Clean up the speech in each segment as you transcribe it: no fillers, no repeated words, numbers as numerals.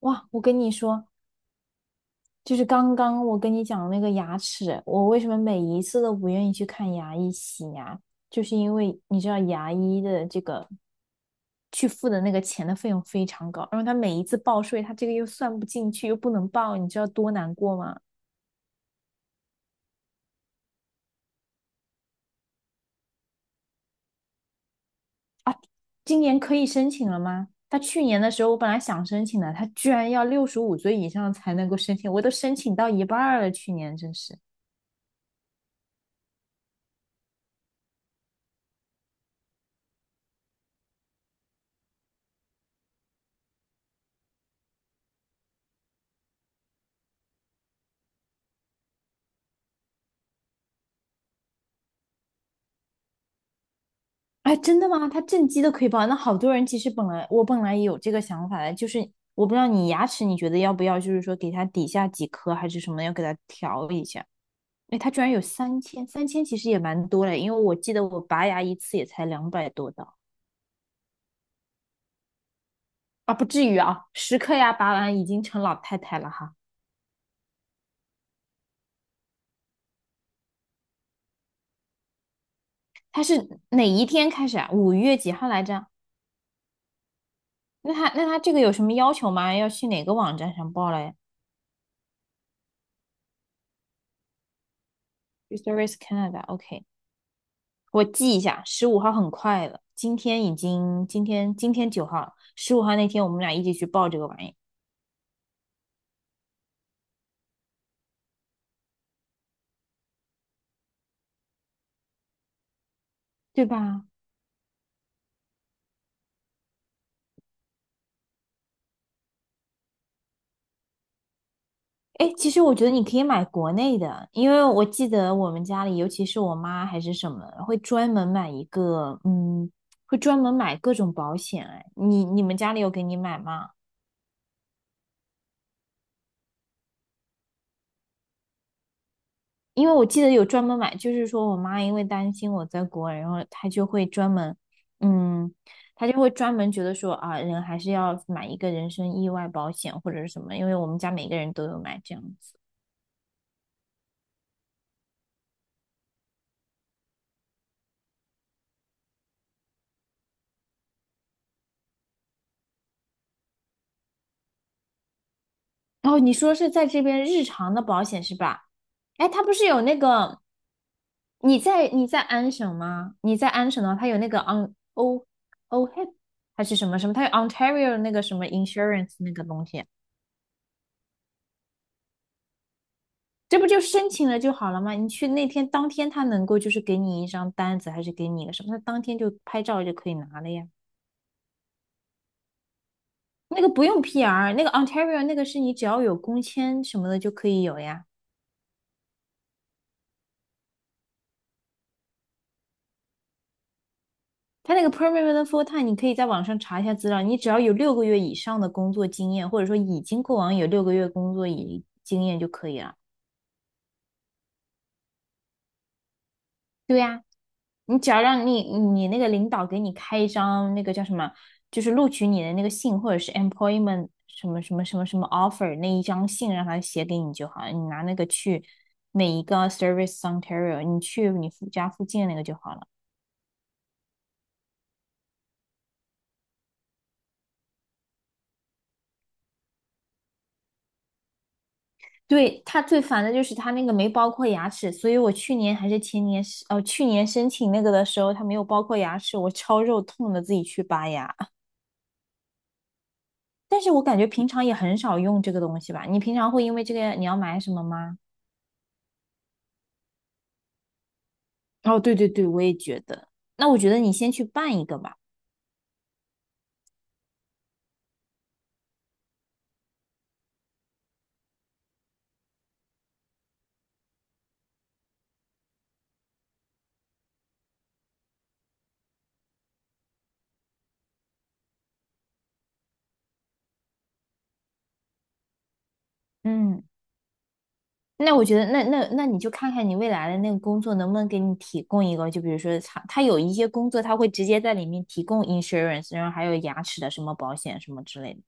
哇，我跟你说，就是刚刚我跟你讲的那个牙齿，我为什么每一次都不愿意去看牙医洗牙，就是因为你知道牙医的这个去付的那个钱的费用非常高，然后他每一次报税，他这个又算不进去，又不能报，你知道多难过吗？今年可以申请了吗？他去年的时候，我本来想申请的，他居然要65岁以上才能够申请，我都申请到一半儿了，去年真是。哎，真的吗？它正畸都可以报，那好多人其实我本来也有这个想法的，就是我不知道你牙齿你觉得要不要，就是说给它底下几颗还是什么，要给它调一下。哎，它居然有三千，三千其实也蛮多的，因为我记得我拔牙一次也才200多刀啊，不至于啊，10颗牙拔完已经成老太太了哈。它是哪一天开始啊？5月几号来着？那它这个有什么要求吗？要去哪个网站上报嘞 Restorce Canada，OK，、我记一下，十五号很快了，今天已经今天今天9号了，十五号那天我们俩一起去报这个玩意，对吧？哎，其实我觉得你可以买国内的，因为我记得我们家里，尤其是我妈还是什么，会专门买一个，会专门买各种保险。哎，你们家里有给你买吗？因为我记得有专门买，就是说我妈因为担心我在国外，然后嗯，她就会专门觉得说啊，人还是要买一个人身意外保险或者是什么，因为我们家每个人都有买这样子。哦，你说是在这边日常的保险是吧？哎，它不是有那个，你在安省吗？你在安省的话，它有那个 on O OHIP 还是什么什么，它有 Ontario 那个什么 insurance 那个东西。这不就申请了就好了吗？你去那天当天，他能够就是给你一张单子，还是给你一个什么？他当天就拍照就可以拿了呀。那个不用 PR，那个 Ontario 那个是你只要有工签什么的就可以有呀。他那个 Permanent Full Time，你可以在网上查一下资料，你只要有六个月以上的工作经验，或者说已经过往有六个月工作以经验就可以了。对呀。你只要让你那个领导给你开一张那个叫什么，就是录取你的那个信，或者是 employment 什么什么什么什么 offer 那一张信，让他写给你就好了。你拿那个去每一个 Service Ontario，你去你附家附近的那个就好了。对，他最烦的就是他那个没包括牙齿，所以我去年还是前年是，去年申请那个的时候，他没有包括牙齿，我超肉痛的自己去拔牙。但是我感觉平常也很少用这个东西吧？你平常会因为这个你要买什么吗？哦，对对对，我也觉得。那我觉得你先去办一个吧。嗯，那我觉得，那你就看看你未来的那个工作能不能给你提供一个，就比如说他有一些工作他会直接在里面提供 insurance，然后还有牙齿的什么保险什么之类的。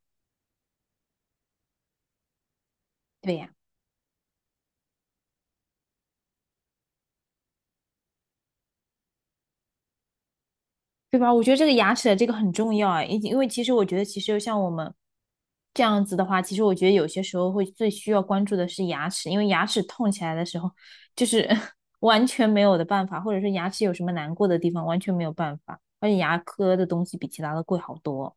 对呀。对吧？我觉得这个牙齿的这个很重要啊，因为其实我觉得，其实像我们这样子的话，其实我觉得有些时候会最需要关注的是牙齿，因为牙齿痛起来的时候，就是 完全没有的办法，或者是牙齿有什么难过的地方，完全没有办法。而且牙科的东西比其他的贵好多。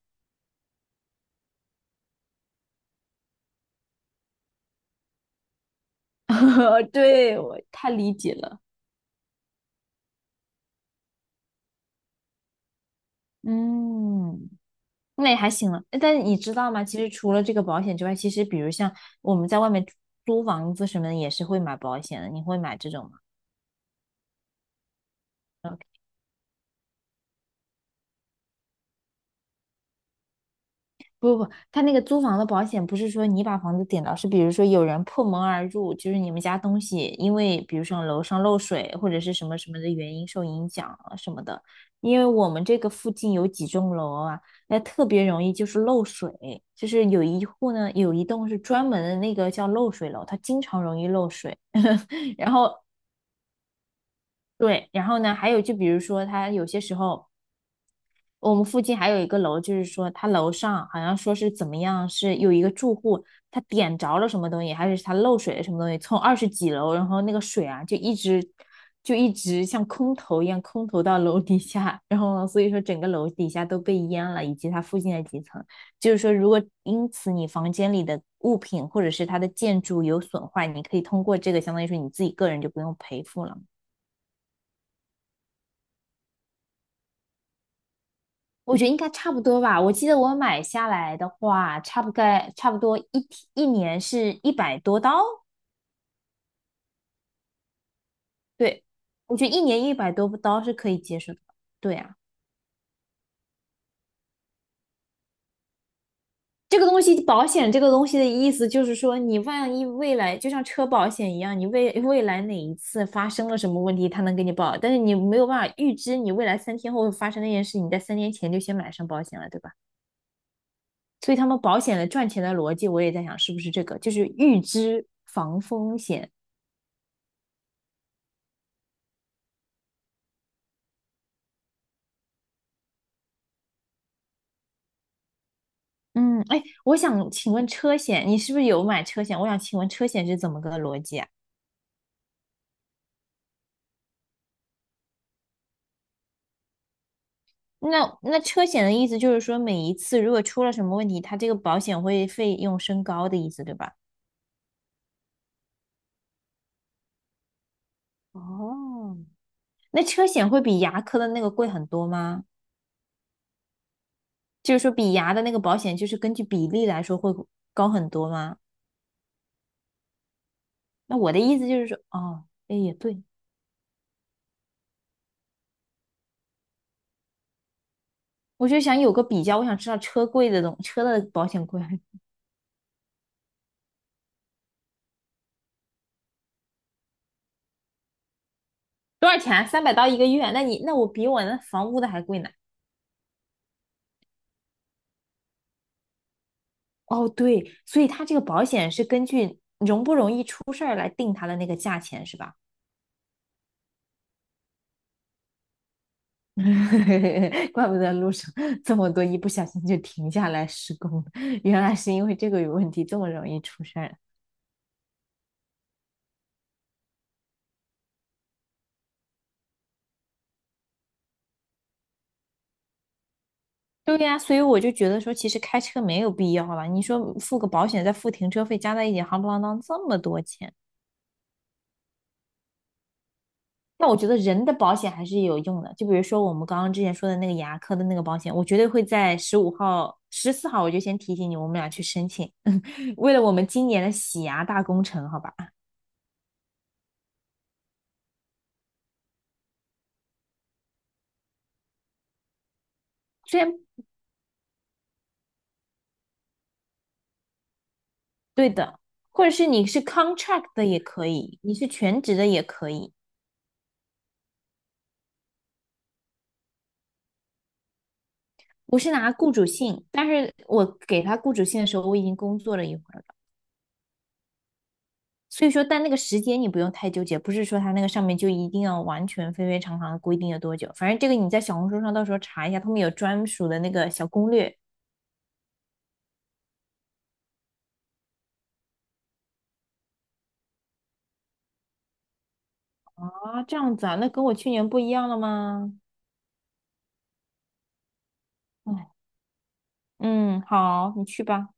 对，我太理解了。嗯，那也还行了。但是你知道吗？其实除了这个保险之外，其实比如像我们在外面租房子什么的，也是会买保险的。你会买这种吗？不不，不，他那个租房的保险不是说你把房子点到，是比如说有人破门而入，就是你们家东西因为比如说楼上漏水或者是什么什么的原因受影响了什么的。因为我们这个附近有几栋楼啊，那特别容易就是漏水，有一栋是专门的那个叫漏水楼，它经常容易漏水。然后对，然后呢，还有就比如说它有些时候。我们附近还有一个楼，就是说他楼上好像说是怎么样，是有一个住户他点着了什么东西，还是他漏水了什么东西，从20几楼，然后那个水啊就一直像空投一样空投到楼底下，然后呢所以说整个楼底下都被淹了，以及它附近的几层。就是说，如果因此你房间里的物品或者是它的建筑有损坏，你可以通过这个相当于说你自己个人就不用赔付了。我觉得应该差不多吧。我记得我买下来的话，差不多一年是一百多刀。对，我觉得一年一百多刀是可以接受的。对啊，这个东西保险这个东西的意思就是说，你万一未来就像车保险一样，你未来哪一次发生了什么问题，它能给你保，但是你没有办法预知你未来3天后会发生那件事，你在3年前就先买上保险了，对吧？所以他们保险的赚钱的逻辑，我也在想是不是这个，就是预知防风险。嗯，哎，我想请问车险，你是不是有买车险？我想请问车险是怎么个逻辑啊？那车险的意思就是说，每一次如果出了什么问题，它这个保险会费用升高的意思，对吧？哦，那车险会比牙科的那个贵很多吗？就是说，比牙的那个保险，就是根据比例来说会高很多吗？那我的意思就是说，哦，哎，也对，我就想有个比较，我想知道车贵的东，车的保险贵 多少钱啊？300刀一个月，那我比我那房屋的还贵呢。哦，对，所以它这个保险是根据容不容易出事儿来定它的那个价钱，是吧？怪不得路上这么多一不小心就停下来施工了原来是因为这个有问题，这么容易出事儿。对呀，所以我就觉得说，其实开车没有必要了。你说付个保险，再付停车费，加在一起，夯不啷当这么多钱。那我觉得人的保险还是有用的，就比如说我们刚刚之前说的那个牙科的那个保险，我绝对会在十五号、14号我就先提醒你，我们俩去申请，为了我们今年的洗牙大工程，好吧？虽然对的，或者是你是 contract 的也可以，你是全职的也可以，我是拿雇主信，但是我给他雇主信的时候，我已经工作了一会儿了。所以说，但那个时间你不用太纠结，不是说它那个上面就一定要完全非常地规定了多久，反正这个你在小红书上到时候查一下，他们有专属的那个小攻略啊，这样子啊，那跟我去年不一样了吗？哎，嗯，好，你去吧。